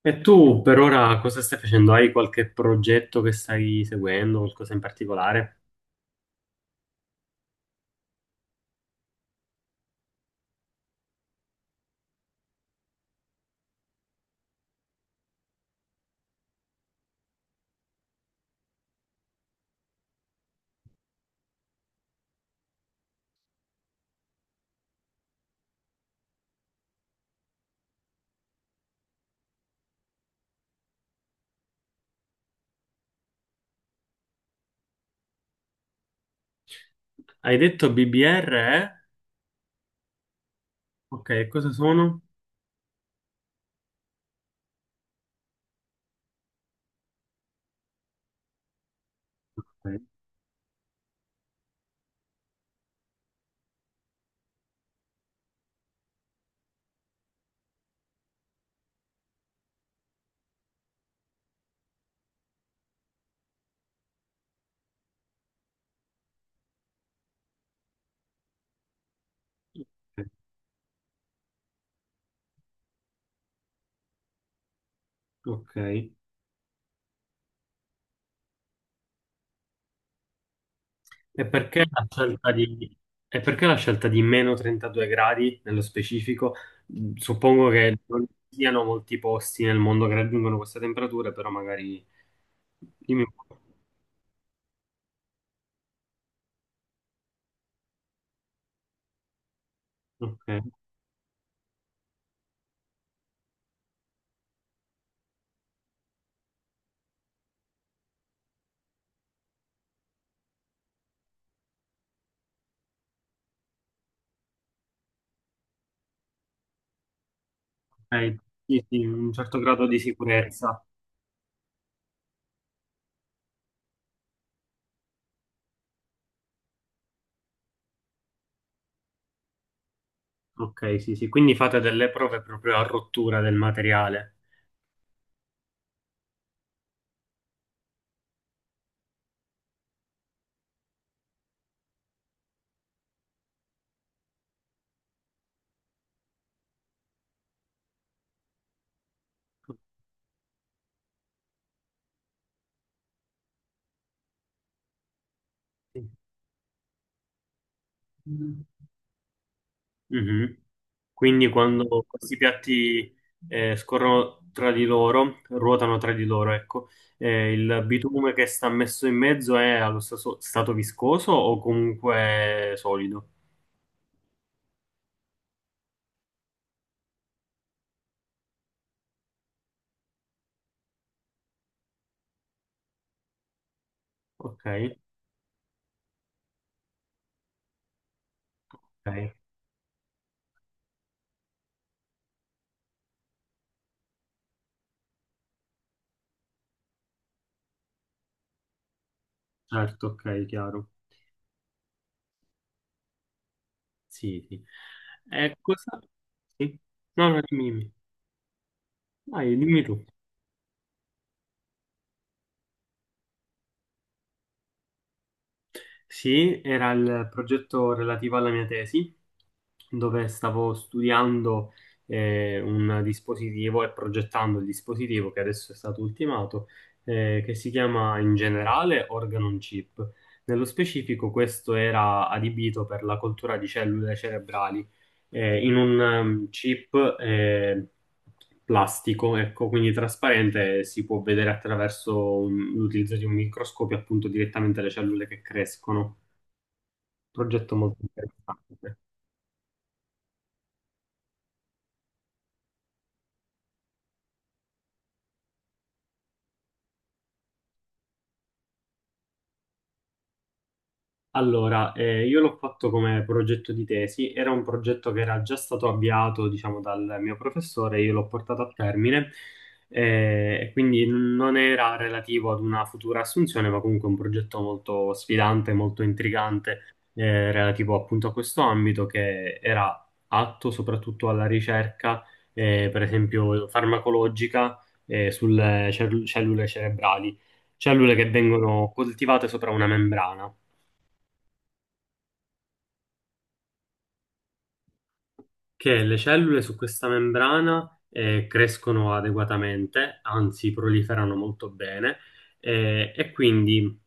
E tu per ora cosa stai facendo? Hai qualche progetto che stai seguendo, qualcosa in particolare? Hai detto BBR, eh? Ok, cosa sono? Ok. Ok. E perché la scelta di, e perché la scelta di meno 32 gradi nello specifico? Mm, suppongo che non ci siano molti posti nel mondo che raggiungono queste temperature, però magari... Dimmi un po'. Ok, ok. Sì, sì, un certo grado di sicurezza. Ok, sì, sì, quindi fate delle prove proprio a rottura del materiale. Sì. Mhm. Quindi quando questi piatti scorrono tra di loro, ruotano tra di loro, ecco, il bitume che sta messo in mezzo è allo stesso stato viscoso o comunque solido? Ok, ok, certo, ok, chiaro. Sì, sì. E cosa? Sì. No, no, dimmi, dimmi. Vai, dimmi tu. Sì, era il progetto relativo alla mia tesi, dove stavo studiando un dispositivo e progettando il dispositivo che adesso è stato ultimato, che si chiama in generale Organon Chip. Nello specifico, questo era adibito per la coltura di cellule cerebrali in un chip eh, plastico, ecco, quindi trasparente, e si può vedere attraverso l'utilizzo di un microscopio appunto direttamente le cellule che crescono. Progetto molto interessante. Allora, io l'ho fatto come progetto di tesi, era un progetto che era già stato avviato, diciamo, dal mio professore, io l'ho portato a termine, e quindi non era relativo ad una futura assunzione, ma comunque un progetto molto sfidante, molto intrigante, relativo appunto a questo ambito che era atto soprattutto alla ricerca, per esempio farmacologica, sulle cellule cerebrali, cellule che vengono coltivate sopra una membrana. Che le cellule su questa membrana crescono adeguatamente, anzi proliferano molto bene, eh, e quindi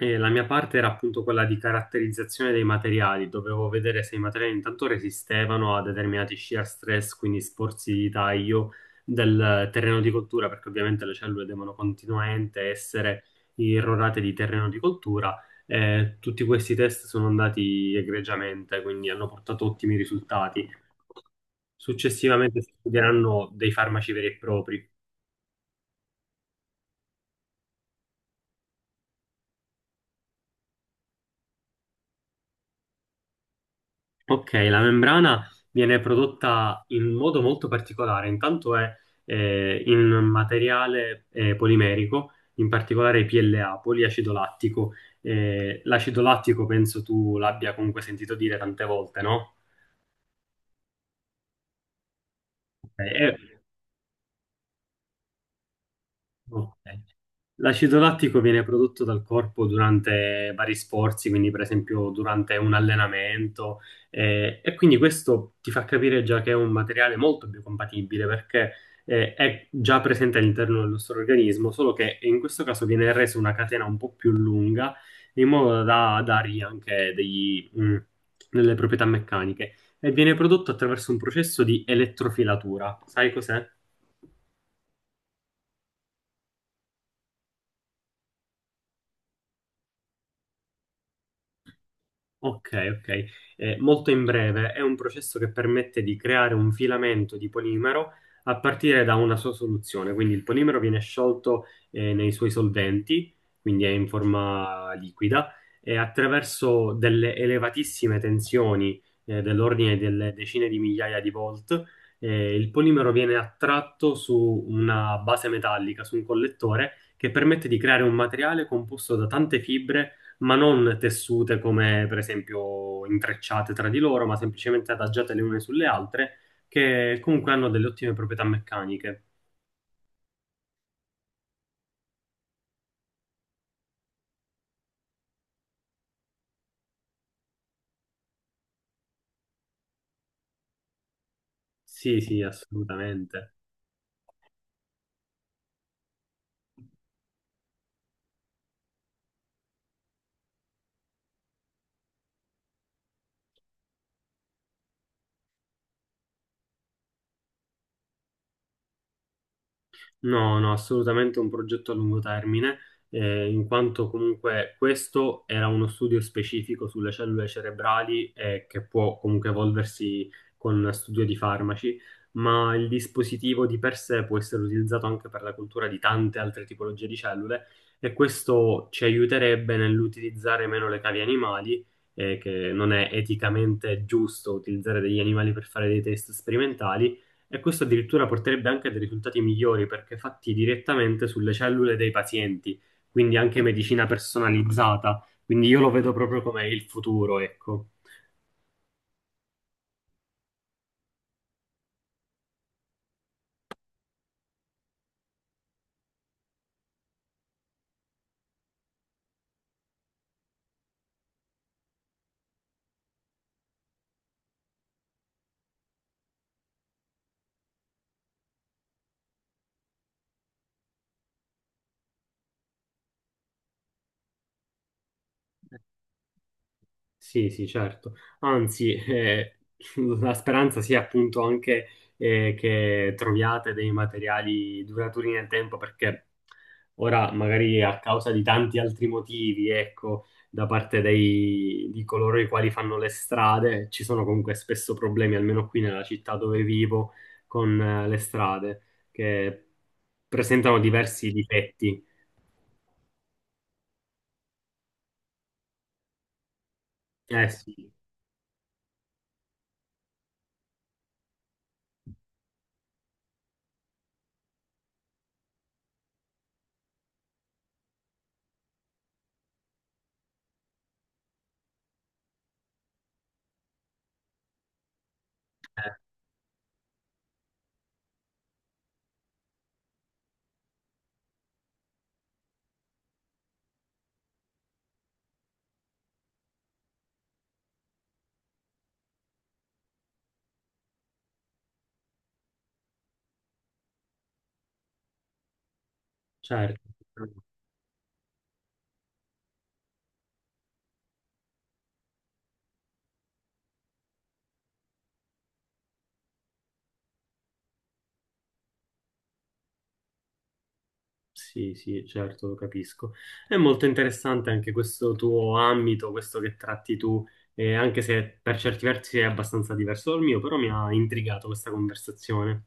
la mia parte era appunto quella di caratterizzazione dei materiali, dovevo vedere se i materiali intanto resistevano a determinati shear stress, quindi sforzi di taglio del terreno di coltura, perché ovviamente le cellule devono continuamente essere irrorate di terreno di coltura. Tutti questi test sono andati egregiamente, quindi hanno portato ottimi risultati. Successivamente si studieranno dei farmaci veri e propri. Ok, la membrana viene prodotta in modo molto particolare, intanto è in materiale polimerico, in particolare PLA, poliacido lattico. L'acido lattico penso tu l'abbia comunque sentito dire tante volte, no? Ok, È Ok. L'acido lattico viene prodotto dal corpo durante vari sforzi, quindi per esempio durante un allenamento, e quindi questo ti fa capire già che è un materiale molto biocompatibile perché è già presente all'interno del nostro organismo, solo che in questo caso viene resa una catena un po' più lunga, in modo da dargli anche degli, delle proprietà meccaniche, e viene prodotto attraverso un processo di elettrofilatura. Sai cos'è? Ok, ok. Molto in breve, è un processo che permette di creare un filamento di polimero a partire da una sua soluzione. Quindi il polimero viene sciolto nei suoi solventi, quindi è in forma liquida, e attraverso delle elevatissime tensioni dell'ordine delle decine di migliaia di volt, il polimero viene attratto su una base metallica, su un collettore, che permette di creare un materiale composto da tante fibre ma non tessute come per esempio intrecciate tra di loro, ma semplicemente adagiate le une sulle altre, che comunque hanno delle ottime proprietà meccaniche. Sì, sì, assolutamente. No, no, assolutamente un progetto a lungo termine, in quanto comunque questo era uno studio specifico sulle cellule cerebrali che può comunque evolversi con studio di farmaci, ma il dispositivo di per sé può essere utilizzato anche per la cultura di tante altre tipologie di cellule e questo ci aiuterebbe nell'utilizzare meno le cavi animali, che non è eticamente giusto utilizzare degli animali per fare dei test sperimentali e questo addirittura porterebbe anche a dei risultati migliori perché fatti direttamente sulle cellule dei pazienti, quindi anche medicina personalizzata. Quindi io lo vedo proprio come il futuro, ecco. Sì, sì, certo. Anzi, la speranza sia appunto anche che troviate dei materiali duraturi nel tempo, perché ora magari a causa di tanti altri motivi, ecco, da parte di coloro i quali fanno le strade, ci sono comunque spesso problemi, almeno qui nella città dove vivo, con le strade, che presentano diversi difetti. Eh sì, eh, certo. Sì, sì, certo, lo capisco. È molto interessante anche questo tuo ambito, questo che tratti tu, anche se per certi versi è abbastanza diverso dal mio, però mi ha intrigato questa conversazione.